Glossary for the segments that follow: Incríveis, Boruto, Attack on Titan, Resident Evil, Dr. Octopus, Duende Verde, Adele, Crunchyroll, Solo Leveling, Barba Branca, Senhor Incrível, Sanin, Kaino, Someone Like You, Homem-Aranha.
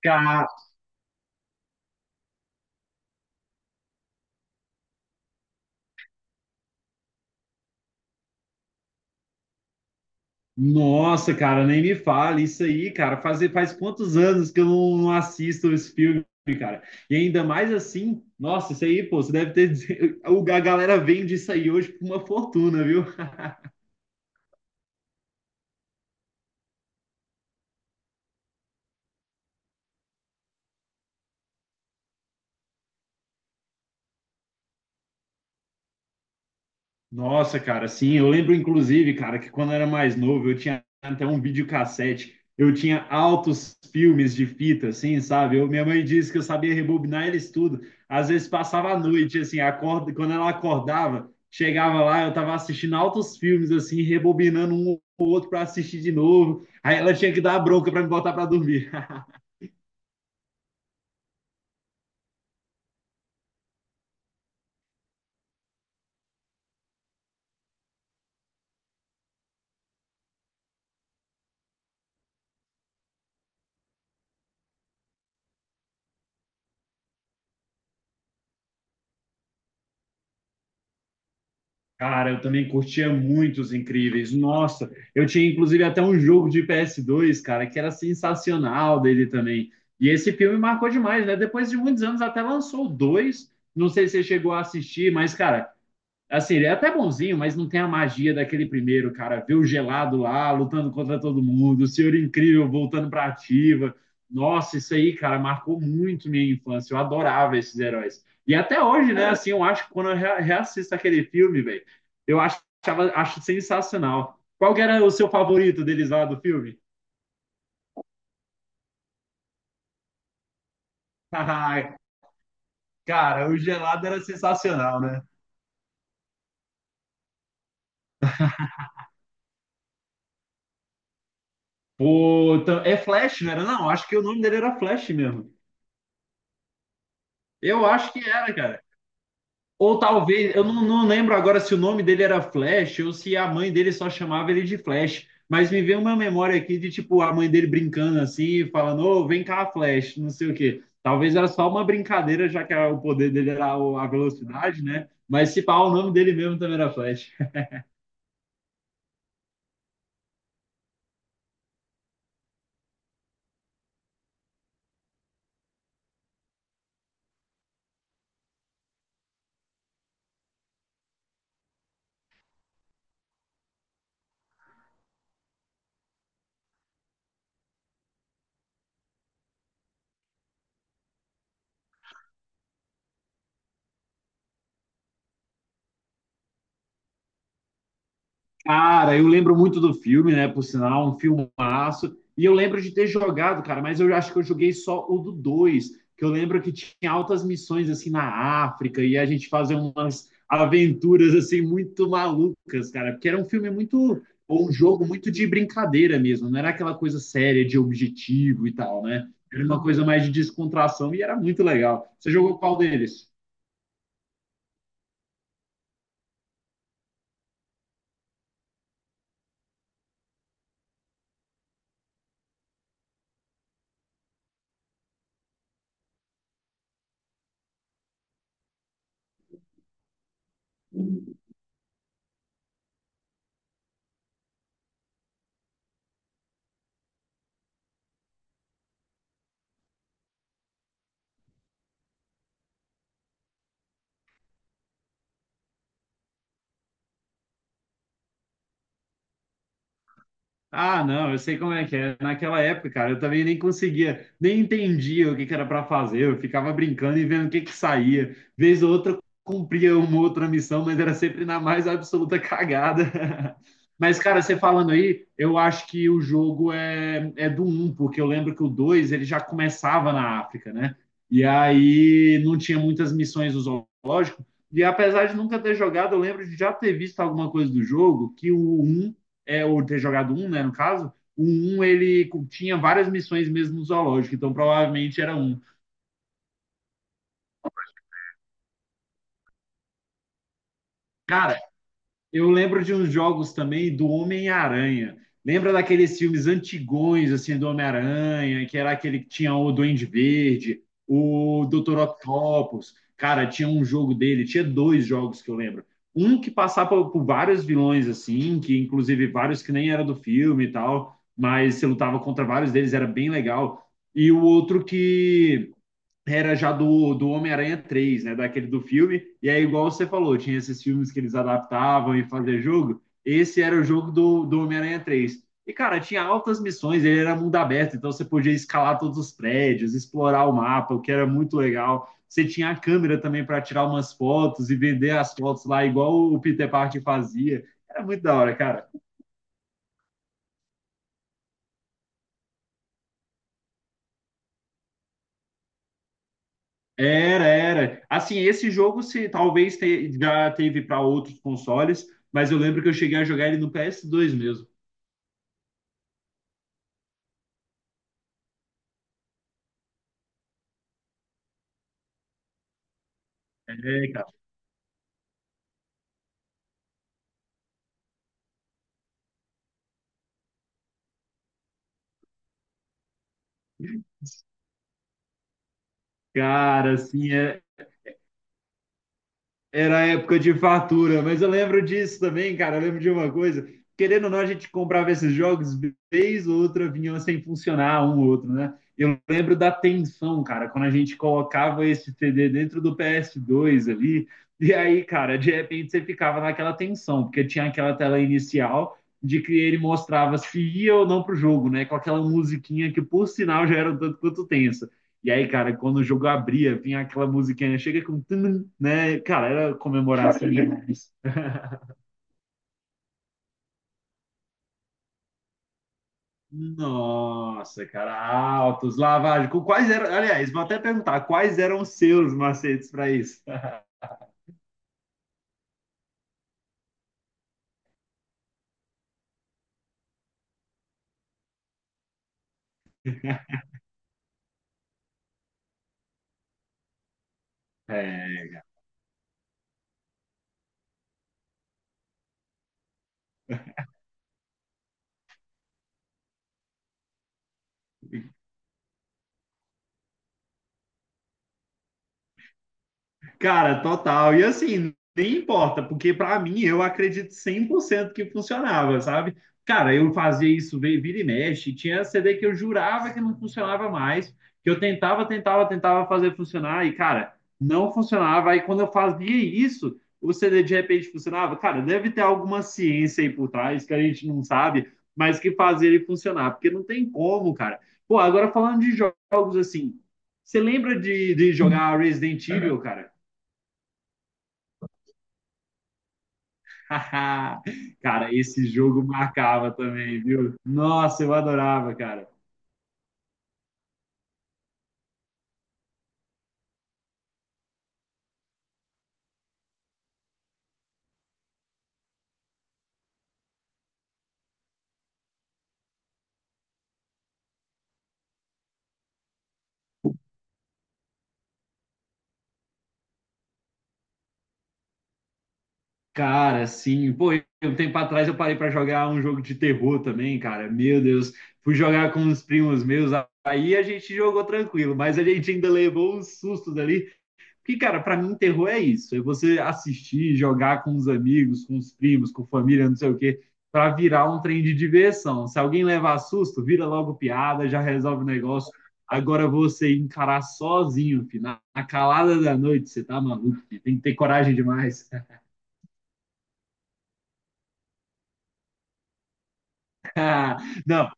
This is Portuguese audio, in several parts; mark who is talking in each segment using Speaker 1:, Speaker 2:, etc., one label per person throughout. Speaker 1: Cara, nossa, cara, nem me fale isso aí, cara. Faz quantos anos que eu não assisto esse filme, cara? E ainda mais assim, nossa, isso aí, pô, você deve ter. A galera vende isso aí hoje por uma fortuna, viu? Nossa, cara, sim, eu lembro inclusive, cara, que quando eu era mais novo, eu tinha até um videocassete, eu tinha altos filmes de fita, assim, sabe? Eu, minha mãe disse que eu sabia rebobinar eles tudo. Às vezes passava a noite, assim, acorda, quando ela acordava, chegava lá, eu tava assistindo altos filmes, assim, rebobinando um ou outro para assistir de novo. Aí ela tinha que dar a bronca para me botar para dormir. Cara, eu também curtia muito os Incríveis. Nossa, eu tinha inclusive até um jogo de PS2, cara, que era sensacional dele também. E esse filme marcou demais, né? Depois de muitos anos até lançou o dois. Não sei se você chegou a assistir, mas, cara, assim, ele é até bonzinho, mas não tem a magia daquele primeiro, cara. Ver o gelado lá, lutando contra todo mundo, o Senhor Incrível voltando pra ativa. Nossa, isso aí, cara, marcou muito minha infância. Eu adorava esses heróis. E até hoje, né, assim, eu acho que quando eu reassisto aquele filme, velho, eu achava, acho sensacional. Qual que era o seu favorito deles lá do filme? Cara, o gelado era sensacional, né? Pô, é Flash, não era? Não, acho que o nome dele era Flash mesmo. Eu acho que era, cara. Ou talvez, eu não lembro agora se o nome dele era Flash ou se a mãe dele só chamava ele de Flash. Mas me veio uma memória aqui de, tipo, a mãe dele brincando assim, falando, ô, vem cá, Flash, não sei o quê. Talvez era só uma brincadeira, já que o poder dele era a velocidade, né? Mas se pá, o nome dele mesmo também era Flash. Cara, eu lembro muito do filme, né? Por sinal, um filmaço. E eu lembro de ter jogado, cara, mas eu acho que eu joguei só o do 2. Que eu lembro que tinha altas missões assim na África e a gente fazia umas aventuras assim muito malucas, cara, porque era um filme muito ou um jogo muito de brincadeira mesmo, não era aquela coisa séria de objetivo e tal, né? Era uma coisa mais de descontração e era muito legal. Você jogou qual deles? Ah, não, eu sei como é que é. Naquela época, cara, eu também nem conseguia, nem entendia o que que era para fazer. Eu ficava brincando e vendo o que que saía. Vez ou outra, eu cumpria uma outra missão, mas era sempre na mais absoluta cagada. Mas, cara, você falando aí, eu acho que o jogo é do um, porque eu lembro que o 2 ele já começava na África, né? E aí não tinha muitas missões no zoológico. E apesar de nunca ter jogado, eu lembro de já ter visto alguma coisa do jogo, que o um é, ou ter jogado um, né, no caso, o um ele tinha várias missões mesmo no zoológico, então provavelmente era um. Cara, eu lembro de uns jogos também do Homem-Aranha. Lembra daqueles filmes antigões, assim, do Homem-Aranha, que era aquele que tinha o Duende Verde, o Dr. Octopus. Cara, tinha um jogo dele, tinha dois jogos que eu lembro. Um que passava por vários vilões, assim, que inclusive vários que nem era do filme e tal, mas você lutava contra vários deles, era bem legal. E o outro que era já do Homem-Aranha três, né? Daquele do filme. E aí, igual você falou, tinha esses filmes que eles adaptavam e faziam jogo. Esse era o jogo do Homem-Aranha três. E, cara, tinha altas missões, ele era mundo aberto, então você podia escalar todos os prédios, explorar o mapa, o que era muito legal. Você tinha a câmera também para tirar umas fotos e vender as fotos lá, igual o Peter Parker fazia. Era muito da hora, cara. Era, era. Assim, esse jogo se talvez já teve para outros consoles, mas eu lembro que eu cheguei a jogar ele no PS2 mesmo. É, cara. Cara, assim, é, era a época de fatura, mas eu lembro disso também, cara. Eu lembro de uma coisa. Querendo ou não, a gente comprava esses jogos, vez ou outra vinham sem funcionar um ou outro, né? Eu lembro da tensão, cara, quando a gente colocava esse CD dentro do PS2 ali, e aí, cara, de repente você ficava naquela tensão, porque tinha aquela tela inicial de que ele mostrava se ia ou não pro jogo, né? Com aquela musiquinha que, por sinal, já era um tanto quanto tensa. E aí, cara, quando o jogo abria, vinha aquela musiquinha, chega com, tum, né? Cara, era comemoração demais. Nossa, cara, altos, lavagem. Quais eram, aliás, vou até perguntar, quais eram os seus macetes para isso? É. Cara, total. E assim, nem importa, porque pra mim eu acredito 100% que funcionava, sabe? Cara, eu fazia isso vira e mexe, tinha CD que eu jurava que não funcionava mais, que eu tentava, tentava, tentava fazer funcionar e, cara, não funcionava. Aí quando eu fazia isso, o CD de repente funcionava. Cara, deve ter alguma ciência aí por trás que a gente não sabe, mas que fazia ele funcionar, porque não tem como, cara. Pô, agora falando de jogos assim, você lembra de jogar Resident Evil, cara? Cara, esse jogo marcava também, viu? Nossa, eu adorava, cara. Cara, sim. Pô, um tempo atrás eu parei pra jogar um jogo de terror também, cara. Meu Deus. Fui jogar com uns primos meus, aí a gente jogou tranquilo, mas a gente ainda levou uns sustos ali, porque, cara, para mim, terror é isso. É você assistir, jogar com os amigos, com os primos, com família, não sei o quê, para virar um trem de diversão. Se alguém levar susto, vira logo piada, já resolve o negócio. Agora você encarar sozinho, filho, na calada da noite, você tá maluco, filho. Tem que ter coragem demais. Não,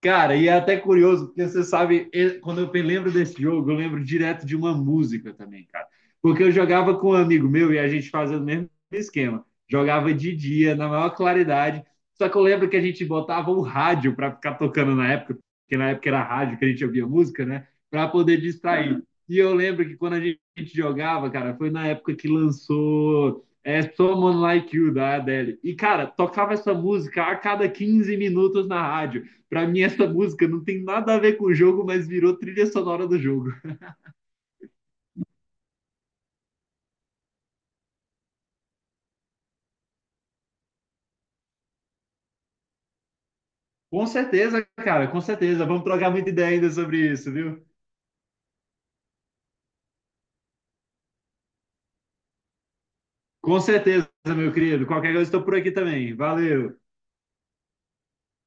Speaker 1: cara, e é até curioso, porque você sabe, quando eu lembro desse jogo, eu lembro direto de uma música também, cara. Porque eu jogava com um amigo meu e a gente fazia o mesmo esquema. Jogava de dia, na maior claridade. Só que eu lembro que a gente botava o rádio para ficar tocando na época, porque na época era rádio que a gente ouvia música, né? Para poder distrair. E eu lembro que quando a gente jogava, cara, foi na época que lançou, é, Someone Like You, da Adele. E, cara, tocava essa música a cada 15 minutos na rádio. Pra mim, essa música não tem nada a ver com o jogo, mas virou trilha sonora do jogo. Com certeza, cara, com certeza. Vamos trocar muita ideia ainda sobre isso, viu? Com certeza, meu querido. Qualquer coisa, estou por aqui também. Valeu.